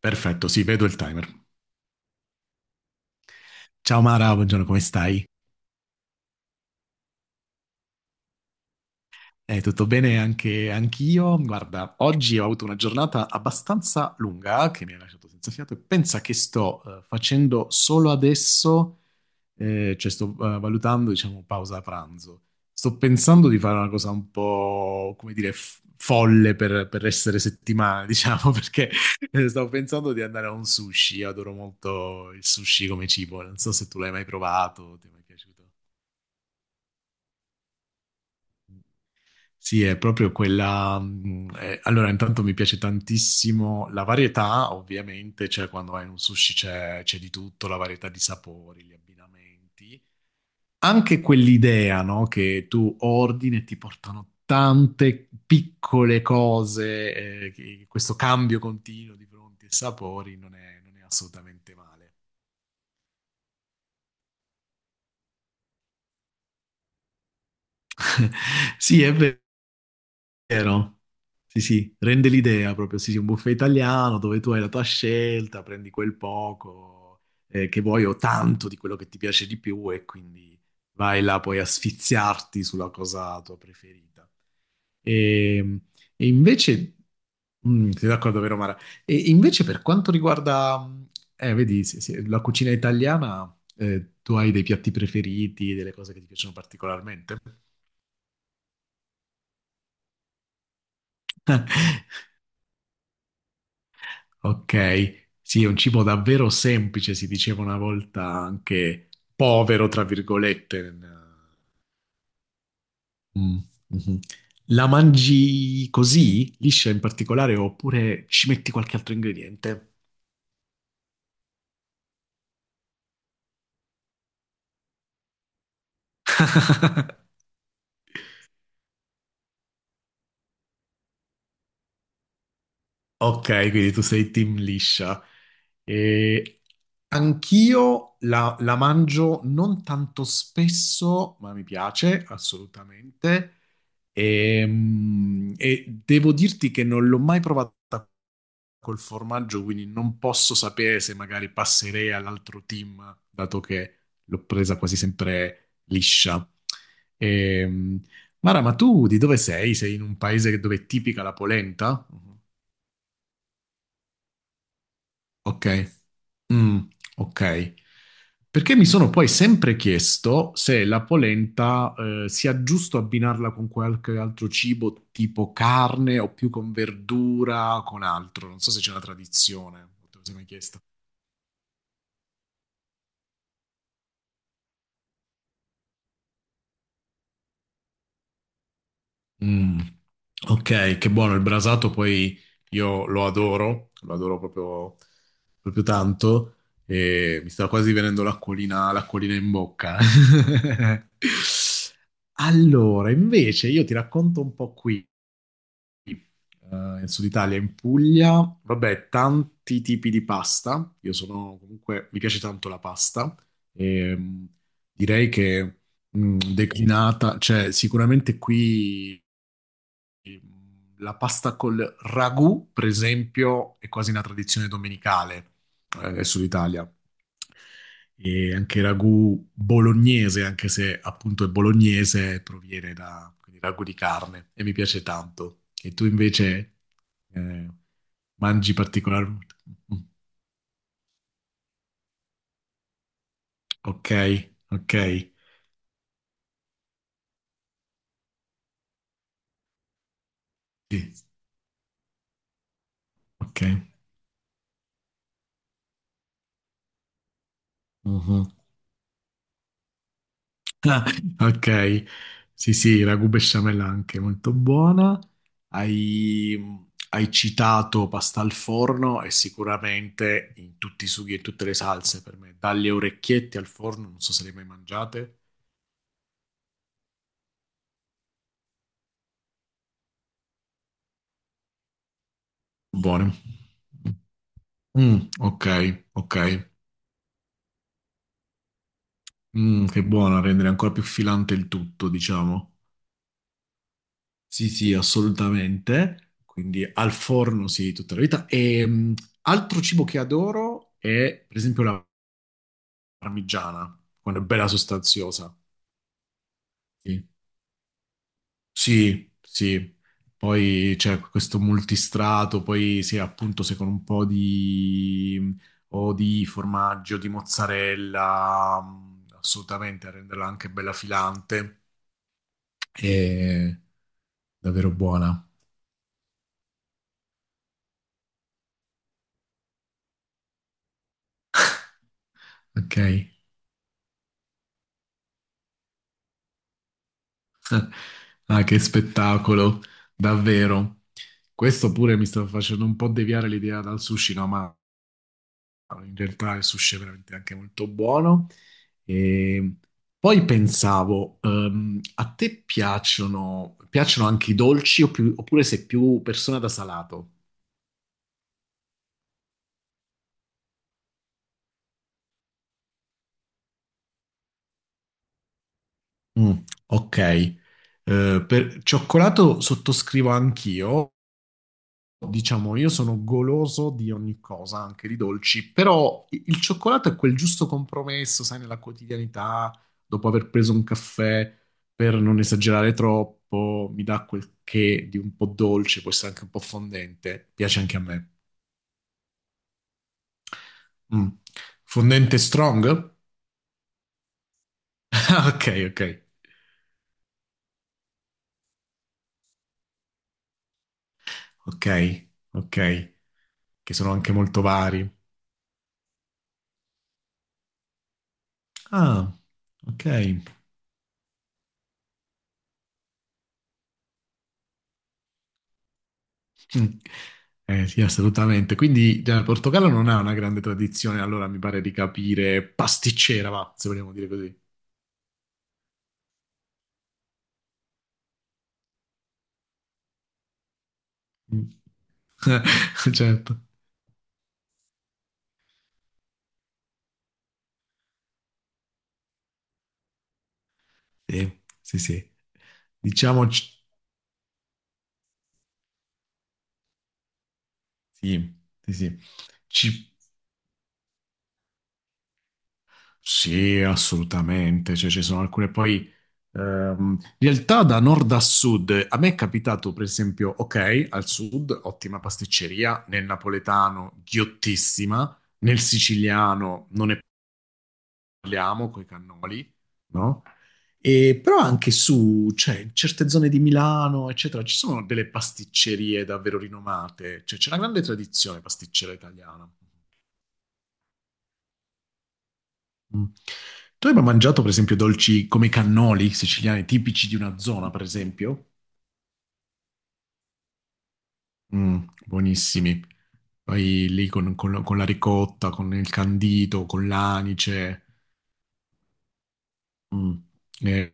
Perfetto, sì, vedo il timer. Ciao Mara, buongiorno, come stai? Tutto bene anche anch'io? Guarda, oggi ho avuto una giornata abbastanza lunga che mi ha lasciato senza fiato e pensa che sto facendo solo adesso, cioè sto valutando, diciamo, pausa pranzo. Sto pensando di fare una cosa un po', come dire, folle per essere settimana, diciamo, perché stavo pensando di andare a un sushi. Io adoro molto il sushi come cibo, non so se tu l'hai mai provato, ti è mai piaciuto. Sì, è proprio quella. Mh, allora, intanto mi piace tantissimo la varietà, ovviamente, cioè quando vai in un sushi c'è di tutto, la varietà di sapori, gli abbinamenti. Anche quell'idea, no? Che tu ordini e ti portano tante piccole cose, questo cambio continuo di pronti e sapori non è assolutamente male. Sì, è vero. Vero? Sì, sì, rende l'idea proprio, sì, sì, un buffet italiano dove tu hai la tua scelta, prendi quel poco che vuoi o tanto di quello che ti piace di più e quindi vai là poi a sfiziarti sulla cosa tua preferita. E, e invece, mm, sei d'accordo, vero Mara? E invece per quanto riguarda, vedi, sì, sì, la cucina italiana, tu hai dei piatti preferiti, delle cose che ti piacciono particolarmente? Ok, sì, è un cibo davvero semplice, si diceva una volta anche povero, tra virgolette. Mm, mhm. La mangi così, liscia in particolare, oppure ci metti qualche altro ingrediente? Ok, quindi tu sei team liscia. E anch'io la mangio non tanto spesso, ma mi piace assolutamente. E, mm, e devo dirti che non l'ho mai provata col formaggio, quindi non posso sapere se magari passerei all'altro team, dato che l'ho presa quasi sempre liscia. Ehm, Mara, ma tu di dove sei? Sei in un paese dove è tipica la polenta? Ok. Mm, ok. Perché mi sono poi sempre chiesto se la polenta, sia giusto abbinarla con qualche altro cibo, tipo carne o più con verdura, con altro. Non so se c'è una tradizione. Te lo sei mai chiesto? Mm. Ok, che buono il brasato, poi io lo adoro proprio, proprio tanto e mi sta quasi venendo l'acquolina, l'acquolina in bocca. Allora, invece io ti racconto un po' qui, eh, in Sud Italia, in Puglia, vabbè, tanti tipi di pasta, io sono comunque, mi piace tanto la pasta e direi che declinata, cioè sicuramente qui... Sì, la pasta col ragù, per esempio, è quasi una tradizione domenicale sull'Italia. E anche il ragù bolognese, anche se appunto è bolognese, proviene da quindi ragù di carne e mi piace tanto. E tu invece eh, mangi particolarmente? Ok, ok, sì, ok. Mhm. Ah, ok, sì, sì, ragù besciamella anche molto buona. Hai, hai citato pasta al forno e sicuramente in tutti i sughi e tutte le salse per me, dalle orecchiette al forno, non so se le hai mai mangiate. Buone. Mm, ok, ok. Mm, che buona, rendere ancora più filante il tutto, diciamo. Sì, sì, assolutamente. Quindi al forno, sì, tutta la vita. E altro cibo che adoro è, per esempio, la parmigiana, quando è bella sostanziosa. Sì. Sì, sì. Poi c'è questo multistrato, poi sì, appunto, se con un po' di, o di formaggio, di mozzarella, mm, assolutamente, a renderla anche bella filante. E davvero buona, ok? Ah, che spettacolo, davvero. Questo pure mi sta facendo un po' deviare l'idea dal sushi, no? Ma no, in realtà il sushi è veramente anche molto buono. E poi pensavo, a te piacciono, piacciono anche i dolci oppure sei più persona da salato? Mm, ok, eh, per cioccolato sottoscrivo anch'io, diciamo, io sono goloso di ogni cosa, anche di dolci, però il cioccolato è quel giusto compromesso, sai, nella quotidianità, dopo aver preso un caffè, per non esagerare troppo, mi dà quel che di un po' dolce, può essere anche un po' fondente, piace anche a me. Mm. Fondente strong? Ah, ok, ok, ok, ok, che sono anche molto vari. Ah, ok. Mm. Sì, assolutamente. Quindi già, il Portogallo non ha una grande tradizione, allora mi pare di capire pasticcera, va, se vogliamo dire così. Mm. Certo. Sì, sì, sì. Diciamo, sì, sì, sì. Ci- sì, assolutamente. Cioè, ci sono alcune poi... in realtà da nord a sud, a me è capitato, per esempio, ok, al sud, ottima pasticceria, nel napoletano, ghiottissima, nel siciliano non è parliamo coi cannoli, no? E però anche su, cioè, in certe zone di Milano, eccetera, ci sono delle pasticcerie davvero rinomate, cioè c'è una grande tradizione pasticcera italiana. Mm. Tu hai mai mangiato, per esempio, dolci come i cannoli siciliani, tipici di una zona, per esempio? Mm, buonissimi. Poi lì con, con la ricotta, con il candito, con l'anice. Mm. Eh,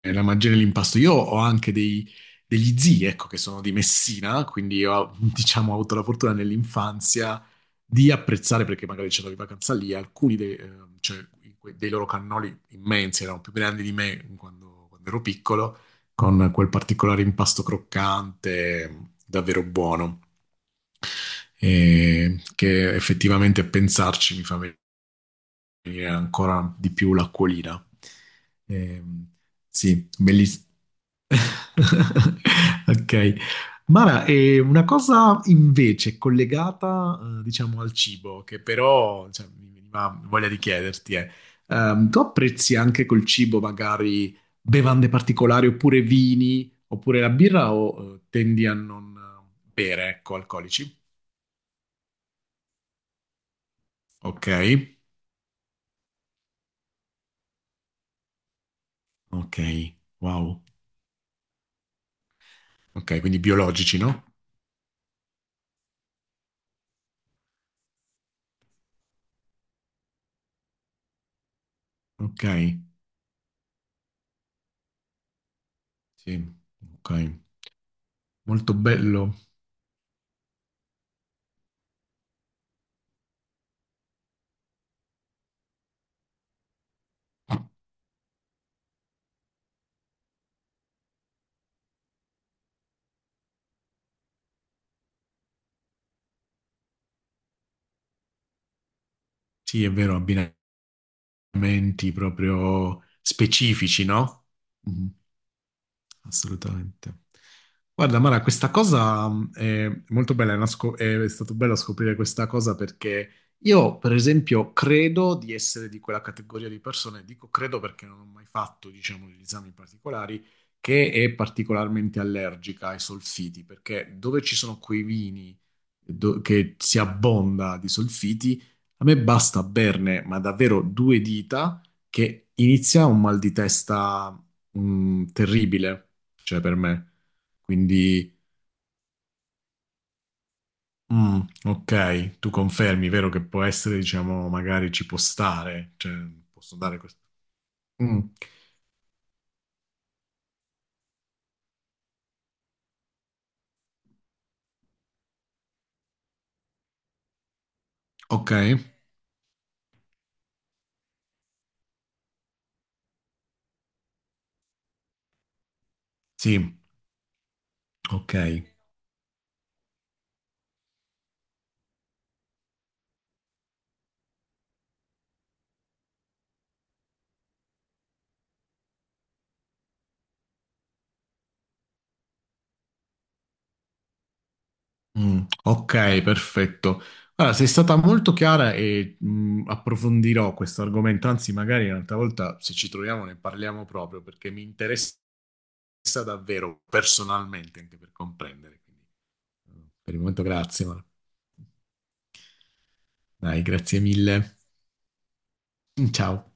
La magia nell'impasto. Io ho anche degli zii, ecco, che sono di Messina, quindi io, ho, diciamo, ho avuto la fortuna nell'infanzia di apprezzare, perché magari c'era in vacanza lì, alcuni dei, cioè, dei loro cannoli immensi, erano più grandi di me quando, quando ero piccolo, con quel particolare impasto croccante, davvero buono, che effettivamente a pensarci mi fa e ancora di più l'acquolina. Ehm, sì, bellissimo. Ok. Mara, è una cosa invece collegata, diciamo, al cibo, che però, cioè, mi veniva voglia di chiederti, tu apprezzi anche col cibo magari bevande particolari oppure vini, oppure la birra o tendi a non bere, ecco, alcolici? Ok, ok, wow. Ok, quindi biologici, no? Ok, sì, ok. Molto bello. Sì, è vero, abbinamenti proprio specifici, no? Mhm, assolutamente. Guarda, Mara, questa cosa è molto bella, è, una è stato bello scoprire questa cosa perché io, per esempio, credo di essere di quella categoria di persone, dico credo perché non ho mai fatto, diciamo, degli esami particolari, che è particolarmente allergica ai solfiti, perché dove ci sono quei vini che si abbonda di solfiti, a me basta berne, ma davvero due dita, che inizia un mal di testa terribile, cioè per me. Quindi, mm, ok, tu confermi, vero che può essere, diciamo, magari ci può stare, cioè posso dare questo. Mm, ok, sì, ok. Mm, ok, perfetto. Allora, sei stata molto chiara e approfondirò questo argomento, anzi magari un'altra volta se ci troviamo ne parliamo proprio perché mi interessa davvero personalmente anche per comprendere. Quindi, mm, per il momento grazie, ma dai, grazie mille. Ciao.